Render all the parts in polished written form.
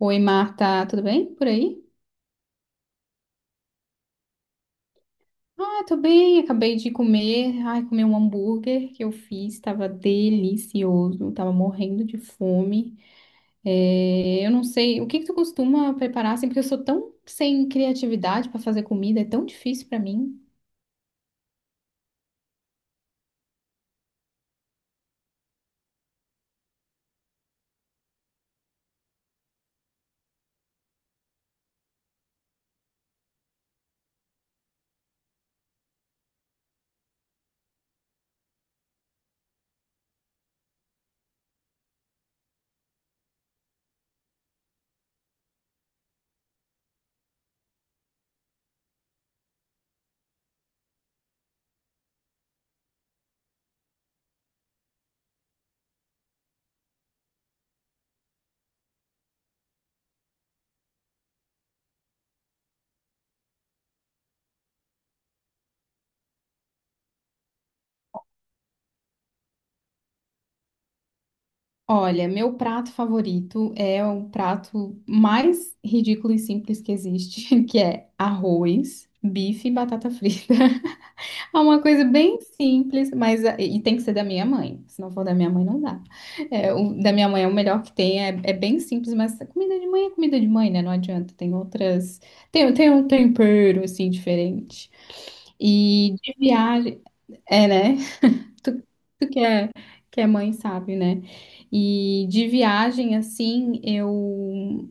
Oi, Marta, tudo bem por aí? Ah, tô bem, acabei de comer. Ai, comi um hambúrguer que eu fiz, tava delicioso, tava morrendo de fome. É, eu não sei, o que que tu costuma preparar assim, porque eu sou tão sem criatividade pra fazer comida, é tão difícil pra mim. Olha, meu prato favorito é o prato mais ridículo e simples que existe, que é arroz, bife e batata frita. É uma coisa bem simples, mas é, e tem que ser da minha mãe. Se não for da minha mãe, não dá. É, o da minha mãe é o melhor que tem, é, é bem simples, mas a comida de mãe é comida de mãe, né? Não adianta. Tem outras. Tem um tempero, assim, diferente. E de viagem. É, né? Tu, tu que é mãe, sabe, né? E de viagem, assim, eu.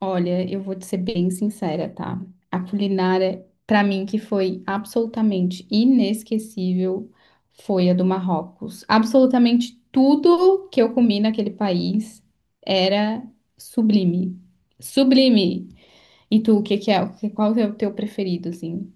Olha, eu vou te ser bem sincera, tá? A culinária, pra mim, que foi absolutamente inesquecível, foi a do Marrocos. Absolutamente tudo que eu comi naquele país era sublime. Sublime! E tu, o que que é? Qual é o teu preferido, assim?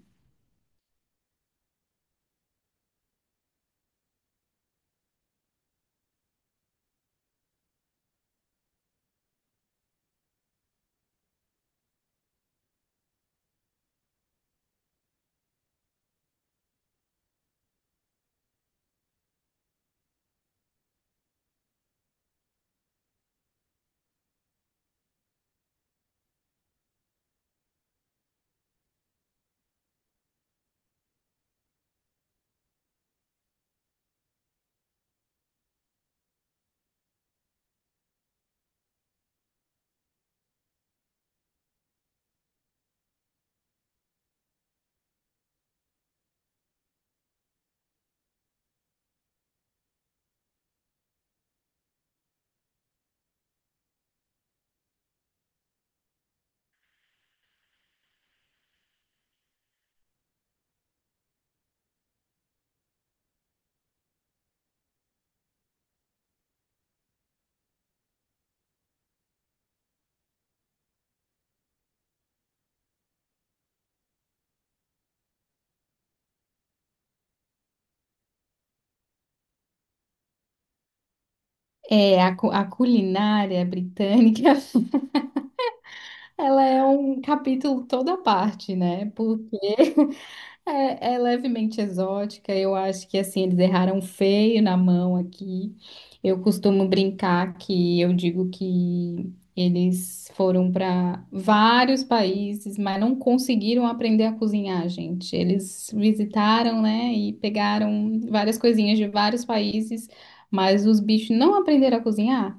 É, a culinária britânica ela é um capítulo toda à parte, né? Porque é, é levemente exótica. Eu acho que assim eles erraram feio na mão aqui. Eu costumo brincar que eu digo que eles foram para vários países, mas não conseguiram aprender a cozinhar, gente. Eles visitaram, né, e pegaram várias coisinhas de vários países, mas os bichos não aprenderam a cozinhar.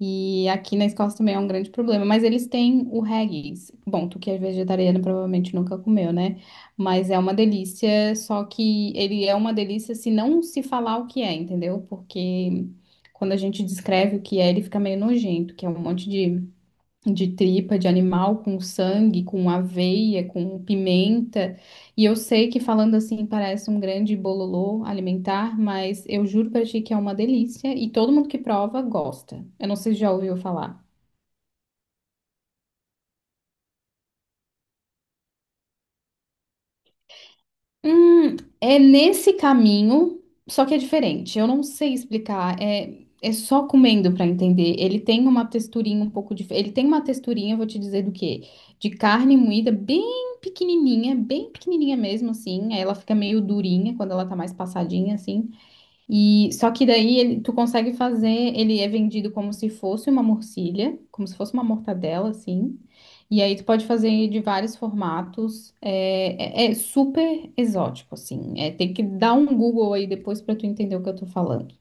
E aqui na Escócia também é um grande problema, mas eles têm o haggis. Bom, tu que é vegetariano provavelmente nunca comeu, né? Mas é uma delícia, só que ele é uma delícia se não se falar o que é, entendeu? Porque quando a gente descreve o que é, ele fica meio nojento, que é um monte de tripa de animal com sangue, com aveia, com pimenta. E eu sei que falando assim parece um grande bololô alimentar, mas eu juro pra ti que é uma delícia e todo mundo que prova gosta. Eu não sei se já ouviu falar. Hum, é nesse caminho, só que é diferente. Eu não sei explicar. É, é só comendo pra entender. Ele tem uma texturinha um pouco diferente. Ele tem uma texturinha, eu vou te dizer do quê? De carne moída, bem pequenininha mesmo, assim. Aí ela fica meio durinha quando ela tá mais passadinha, assim. E só que daí tu consegue fazer, ele é vendido como se fosse uma morcilha, como se fosse uma mortadela, assim. E aí tu pode fazer de vários formatos. É, é super exótico, assim. É, tem que dar um Google aí depois pra tu entender o que eu tô falando.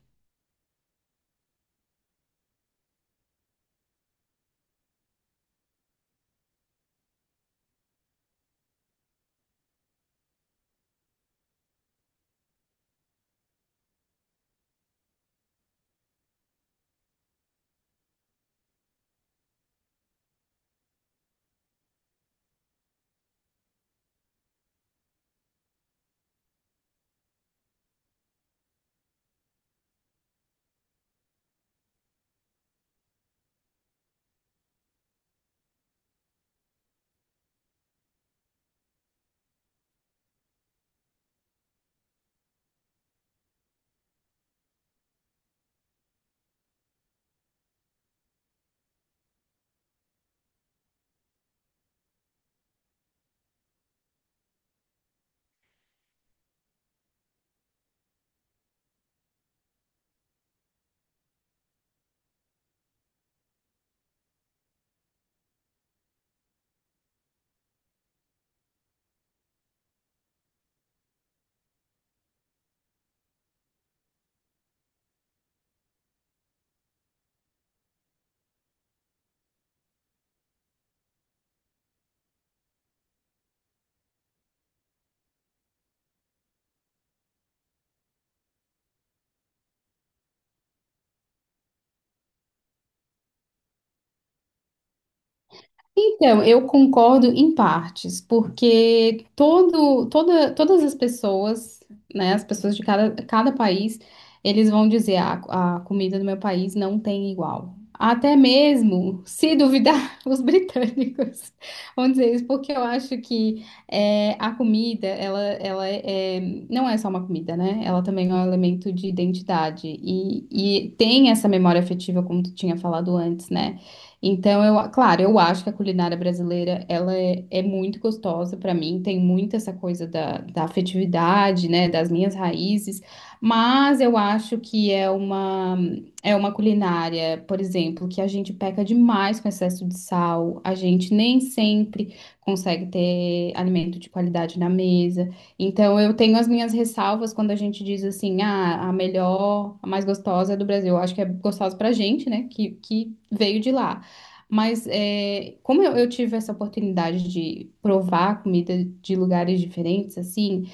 Então, eu concordo em partes, porque todas as pessoas, né, as pessoas de cada país, eles vão dizer a comida do meu país não tem igual. Até mesmo, se duvidar, os britânicos vão dizer isso, porque eu acho que é, a comida, ela é, é, não é só uma comida, né? Ela também é um elemento de identidade e tem essa memória afetiva, como tu tinha falado antes, né? Então, eu, claro, eu acho que a culinária brasileira, ela é, é muito gostosa para mim, tem muito essa coisa da afetividade, né, das minhas raízes, mas eu acho que é uma culinária, por exemplo, que a gente peca demais com excesso de sal, a gente nem sempre consegue ter alimento de qualidade na mesa, então eu tenho as minhas ressalvas quando a gente diz assim, ah, a melhor, a mais gostosa é do Brasil, eu acho que é gostosa pra gente, né, que veio de lá. Mas é, como eu tive essa oportunidade de provar comida de lugares diferentes, assim,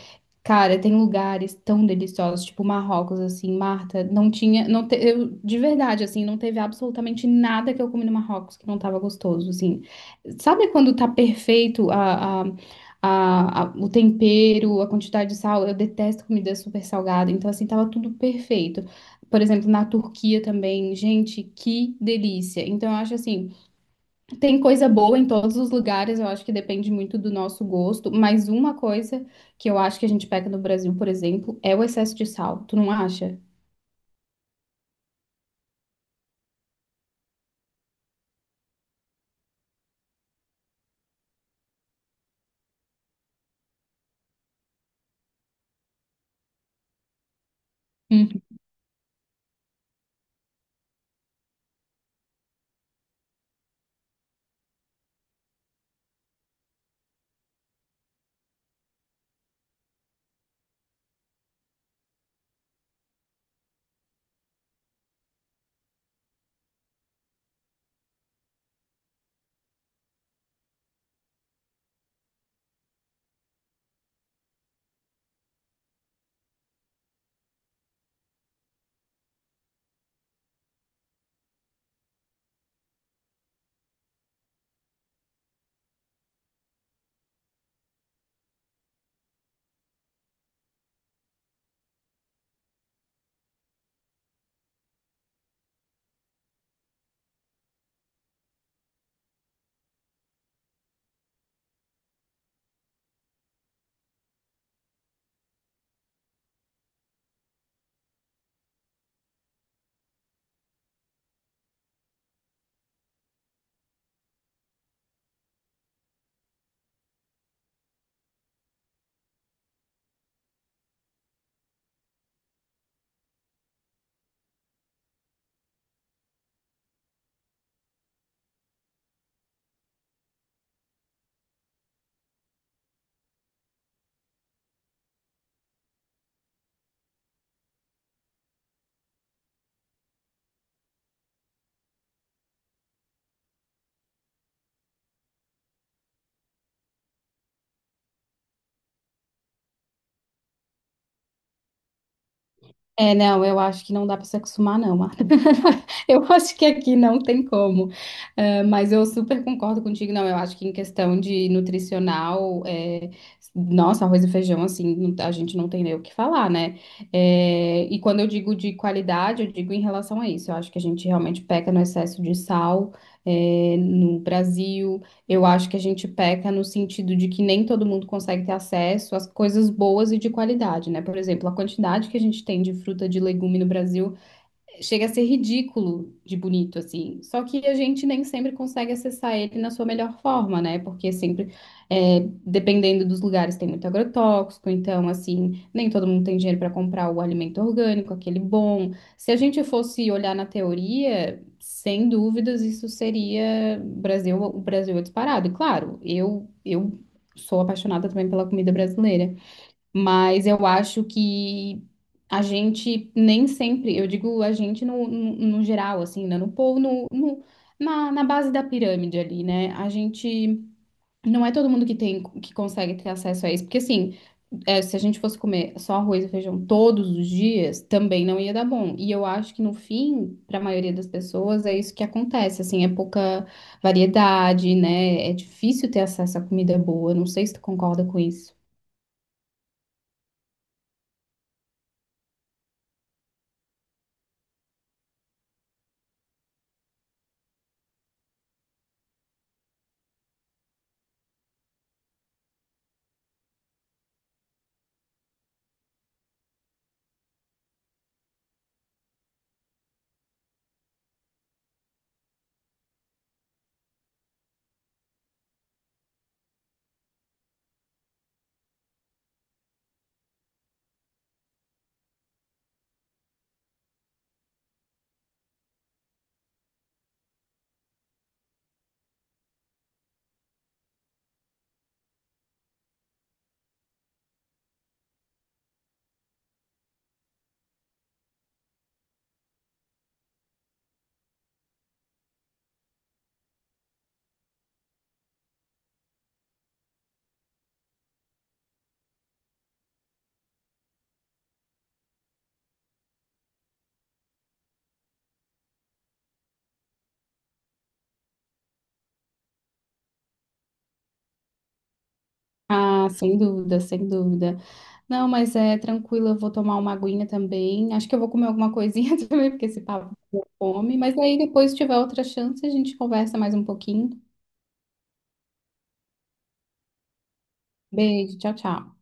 cara, tem lugares tão deliciosos, tipo Marrocos, assim, Marta, não tinha, não te- eu, de verdade, assim, não teve absolutamente nada que eu comi no Marrocos que não tava gostoso, assim. Sabe quando tá perfeito o tempero, a quantidade de sal? Eu detesto comida super salgada, então, assim, tava tudo perfeito. Por exemplo, na Turquia também, gente, que delícia. Então, eu acho assim. Tem coisa boa em todos os lugares, eu acho que depende muito do nosso gosto, mas uma coisa que eu acho que a gente peca no Brasil, por exemplo, é o excesso de sal, tu não acha? É, não, eu acho que não dá para se acostumar, não. Marta. Eu acho que aqui não tem como. É, mas eu super concordo contigo, não. Eu acho que em questão de nutricional, é, nossa, arroz e feijão, assim, não- a gente não tem nem o que falar, né? É, e quando eu digo de qualidade, eu digo em relação a isso. Eu acho que a gente realmente peca no excesso de sal, é, no Brasil. Eu acho que a gente peca no sentido de que nem todo mundo consegue ter acesso às coisas boas e de qualidade, né? Por exemplo, a quantidade que a gente tem de fruta, de legume no Brasil chega a ser ridículo de bonito, assim. Só que a gente nem sempre consegue acessar ele na sua melhor forma, né? Porque sempre, é, dependendo dos lugares, tem muito agrotóxico, então, assim, nem todo mundo tem dinheiro para comprar o alimento orgânico, aquele bom. Se a gente fosse olhar na teoria, sem dúvidas, isso seria Brasil, o Brasil é disparado. E claro, eu sou apaixonada também pela comida brasileira. Mas eu acho que a gente nem sempre, eu digo a gente no geral, assim, né? No povo, no, no- Na, na base da pirâmide ali, né? A gente, não é todo mundo que tem, que consegue ter acesso a isso, porque assim, é, se a gente fosse comer só arroz e feijão todos os dias, também não ia dar bom. E eu acho que no fim, para a maioria das pessoas, é isso que acontece, assim, é pouca variedade, né? É difícil ter acesso a comida boa, não sei se tu concorda com isso. Ah, sem dúvida, sem dúvida. Não, mas é tranquilo, eu vou tomar uma aguinha também. Acho que eu vou comer alguma coisinha também, porque esse papo me deu fome. Mas aí depois, se tiver outra chance, a gente conversa mais um pouquinho. Beijo, tchau, tchau.